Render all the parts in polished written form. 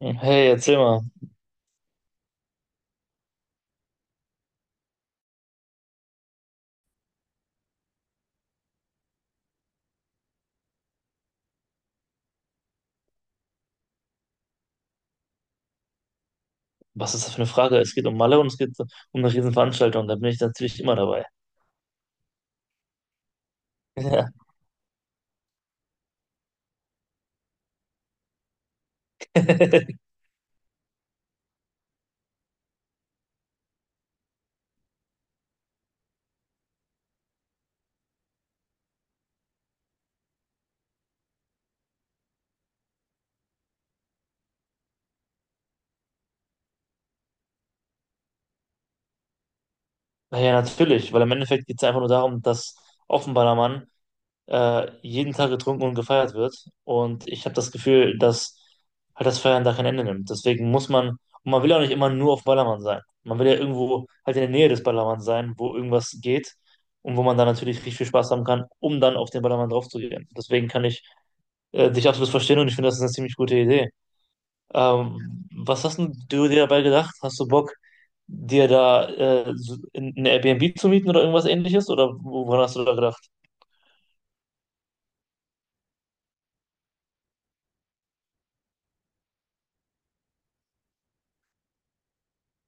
Hey, erzähl mal, was ist das für eine Frage? Es geht um Malle und es geht um eine Riesenveranstaltung. Da bin ich natürlich immer dabei. Ja. Naja, natürlich, weil im Endeffekt geht es einfach nur darum, dass auf dem Ballermann jeden Tag getrunken und gefeiert wird. Und ich habe das Gefühl, dass halt das Feiern da kein Ende nimmt. Deswegen muss man, und man will ja auch nicht immer nur auf Ballermann sein. Man will ja irgendwo halt in der Nähe des Ballermanns sein, wo irgendwas geht und wo man dann natürlich richtig viel Spaß haben kann, um dann auf den Ballermann draufzugehen. Deswegen kann ich dich absolut verstehen und ich finde, das ist eine ziemlich gute Idee. Was hast denn du dir dabei gedacht? Hast du Bock, dir da so eine Airbnb zu mieten oder irgendwas ähnliches? Oder woran hast du da gedacht?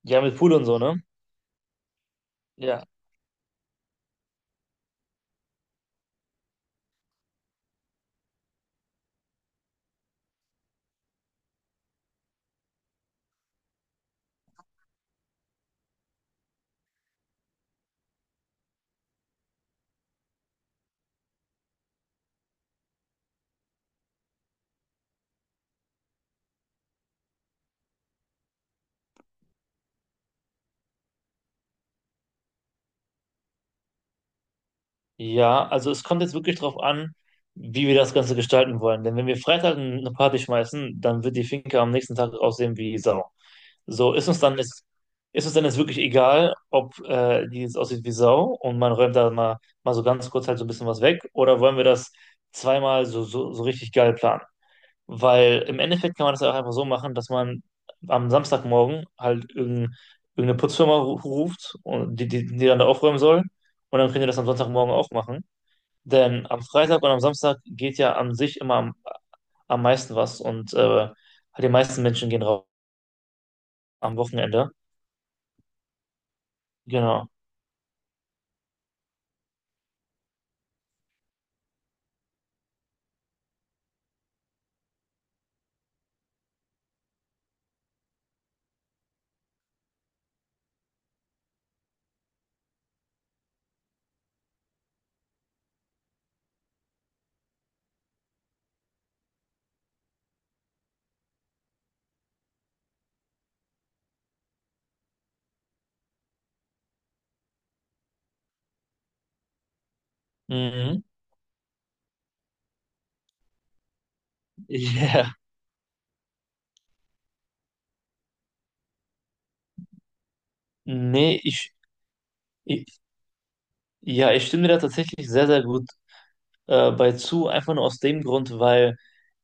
Ja, mit Pool und so, ne? Ja. Ja, also es kommt jetzt wirklich drauf an, wie wir das Ganze gestalten wollen. Denn wenn wir Freitag eine Party schmeißen, dann wird die Finca am nächsten Tag aussehen wie Sau. So ist uns dann jetzt, ist uns dann jetzt wirklich egal, ob die jetzt aussieht wie Sau und man räumt da mal so ganz kurz halt so ein bisschen was weg, oder wollen wir das zweimal so richtig geil planen? Weil im Endeffekt kann man das ja auch einfach so machen, dass man am Samstagmorgen halt irgendeine Putzfirma ruft, und die dann da aufräumen soll. Und dann könnt ihr das am Sonntagmorgen auch machen. Denn am Freitag und am Samstag geht ja an sich immer am meisten was, und halt die meisten Menschen gehen raus am Wochenende. Genau. Mhm. Yeah. Nee, ich, ich, ja, ich stimme dir da tatsächlich sehr, sehr gut bei zu. Einfach nur aus dem Grund, weil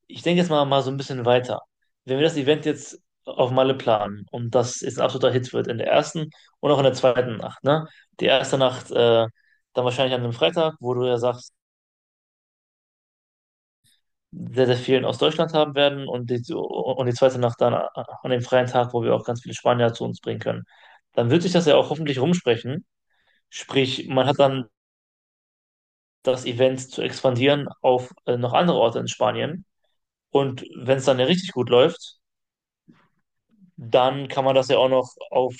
ich denke jetzt mal so ein bisschen weiter. Wenn wir das Event jetzt auf Malle planen und das jetzt ein absoluter Hit wird in der ersten und auch in der zweiten Nacht, ne? Die erste Nacht dann wahrscheinlich an einem Freitag, wo du ja sagst, sehr, sehr vielen aus Deutschland haben werden, und die zweite Nacht dann an dem freien Tag, wo wir auch ganz viele Spanier zu uns bringen können. Dann wird sich das ja auch hoffentlich rumsprechen. Sprich, man hat dann das Event zu expandieren auf noch andere Orte in Spanien. Und wenn es dann ja richtig gut läuft, dann kann man das ja auch noch auf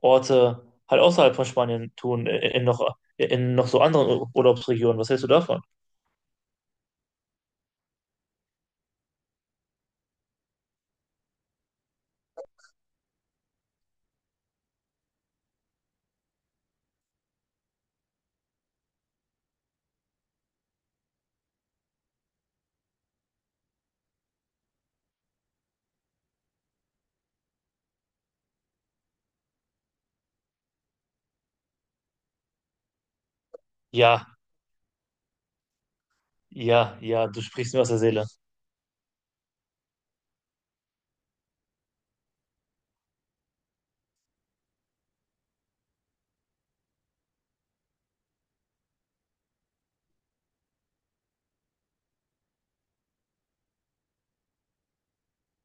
Orte halt außerhalb von Spanien tun, in noch so anderen Urlaubsregionen. Was hältst du davon? Ja, ja, du sprichst mir aus der Seele.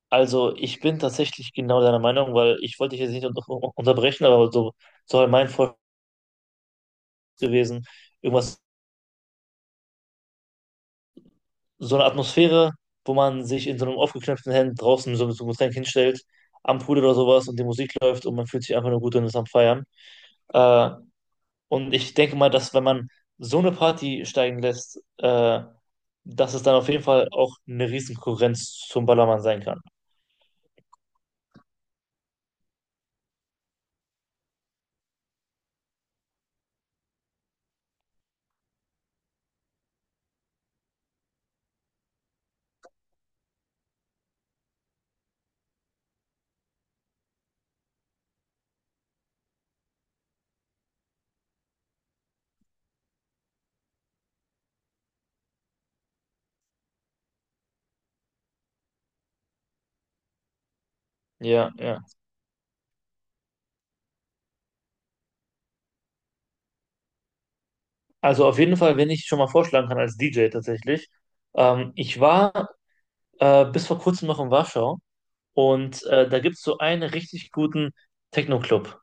Also ich bin tatsächlich genau deiner Meinung, weil ich wollte dich jetzt nicht unterbrechen, aber so halt mein Vorschlag gewesen, irgendwas, so eine Atmosphäre, wo man sich in so einem aufgeknöpften Hemd draußen so mit so einem Getränk hinstellt, am Pool oder sowas, und die Musik läuft und man fühlt sich einfach nur gut und ist am Feiern. Äh, Und ich denke mal, dass wenn man so eine Party steigen lässt, dass es dann auf jeden Fall auch eine Riesenkonkurrenz zum Ballermann sein kann. Ja, ja. Also auf jeden Fall, wenn ich schon mal vorschlagen kann als DJ tatsächlich. Ich war bis vor kurzem noch in Warschau, und da gibt es so einen richtig guten Techno-Club.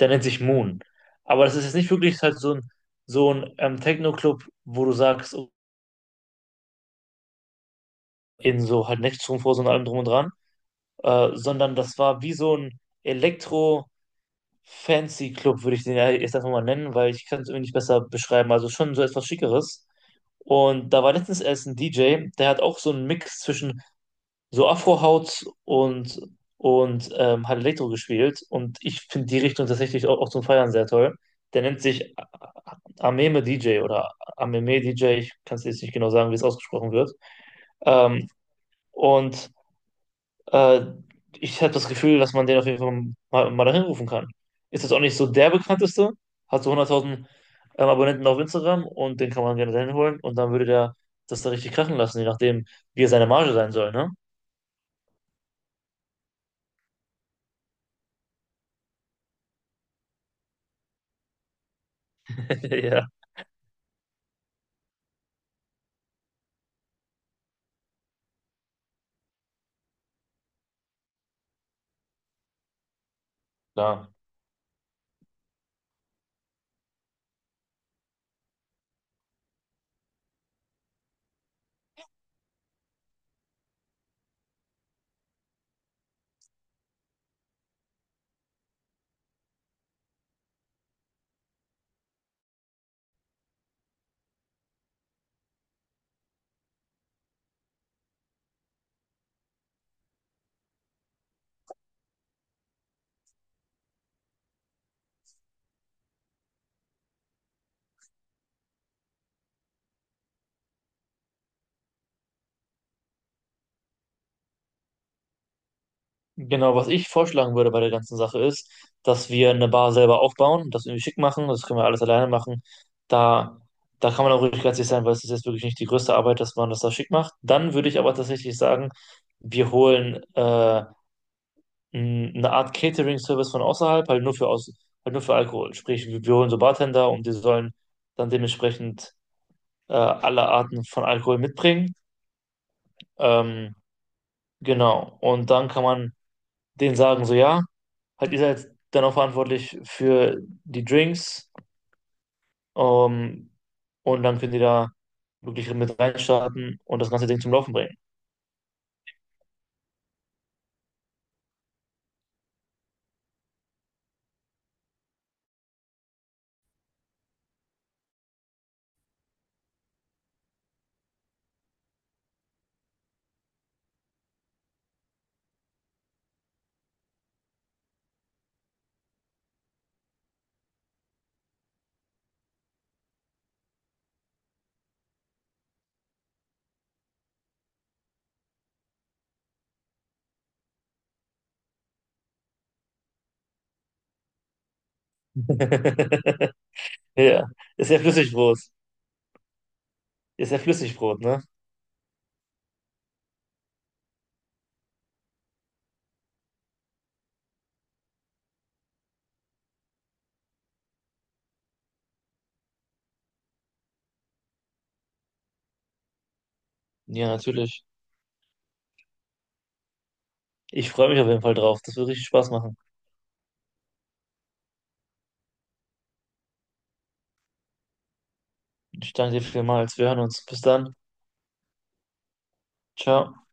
Der nennt sich Moon. Aber das ist jetzt nicht wirklich halt so ein Techno-Club, wo du sagst, oh, in so halt Nextroom vor so und allem drum und dran. Sondern das war wie so ein Elektro-Fancy-Club, würde ich den ja jetzt einfach mal nennen, weil ich kann es irgendwie nicht besser beschreiben. Also schon so etwas Schickeres. Und da war letztens erst ein DJ, der hat auch so einen Mix zwischen so afro haut und hat Elektro gespielt. Und ich finde die Richtung tatsächlich auch, auch zum Feiern sehr toll. Der nennt sich Ameme DJ oder Ameme DJ. Ich kann es jetzt nicht genau sagen, wie es ausgesprochen wird. Ähm, und äh, ich habe das Gefühl, dass man den auf jeden Fall mal dahin rufen kann. Ist jetzt auch nicht so der bekannteste, hat so 100.000 Abonnenten auf Instagram, und den kann man gerne dahin holen und dann würde der das da richtig krachen lassen, je nachdem, wie er seine Marge sein soll, ne? Ja. Klar. Genau, was ich vorschlagen würde bei der ganzen Sache ist, dass wir eine Bar selber aufbauen, das irgendwie schick machen, das können wir alles alleine machen. Da, da kann man auch ruhig ganz sicher sein, weil es ist jetzt wirklich nicht die größte Arbeit, dass man das da schick macht. Dann würde ich aber tatsächlich sagen, wir holen eine Art Catering-Service von außerhalb, halt halt nur für Alkohol. Sprich, wir holen so Bartender und die sollen dann dementsprechend alle Arten von Alkohol mitbringen. Ähm, genau. Und dann kann man denen sagen, so ja, halt ihr seid dann auch verantwortlich für die Drinks. Ähm, und dann können die da wirklich mit reinstarten und das ganze Ding zum Laufen bringen. Ja, ist ja Flüssigbrot. Ist ja Flüssigbrot, ne? Ja, natürlich. Ich freue mich auf jeden Fall drauf. Das wird richtig Spaß machen. Ich danke dir vielmals. Wir hören uns. Bis dann. Ciao.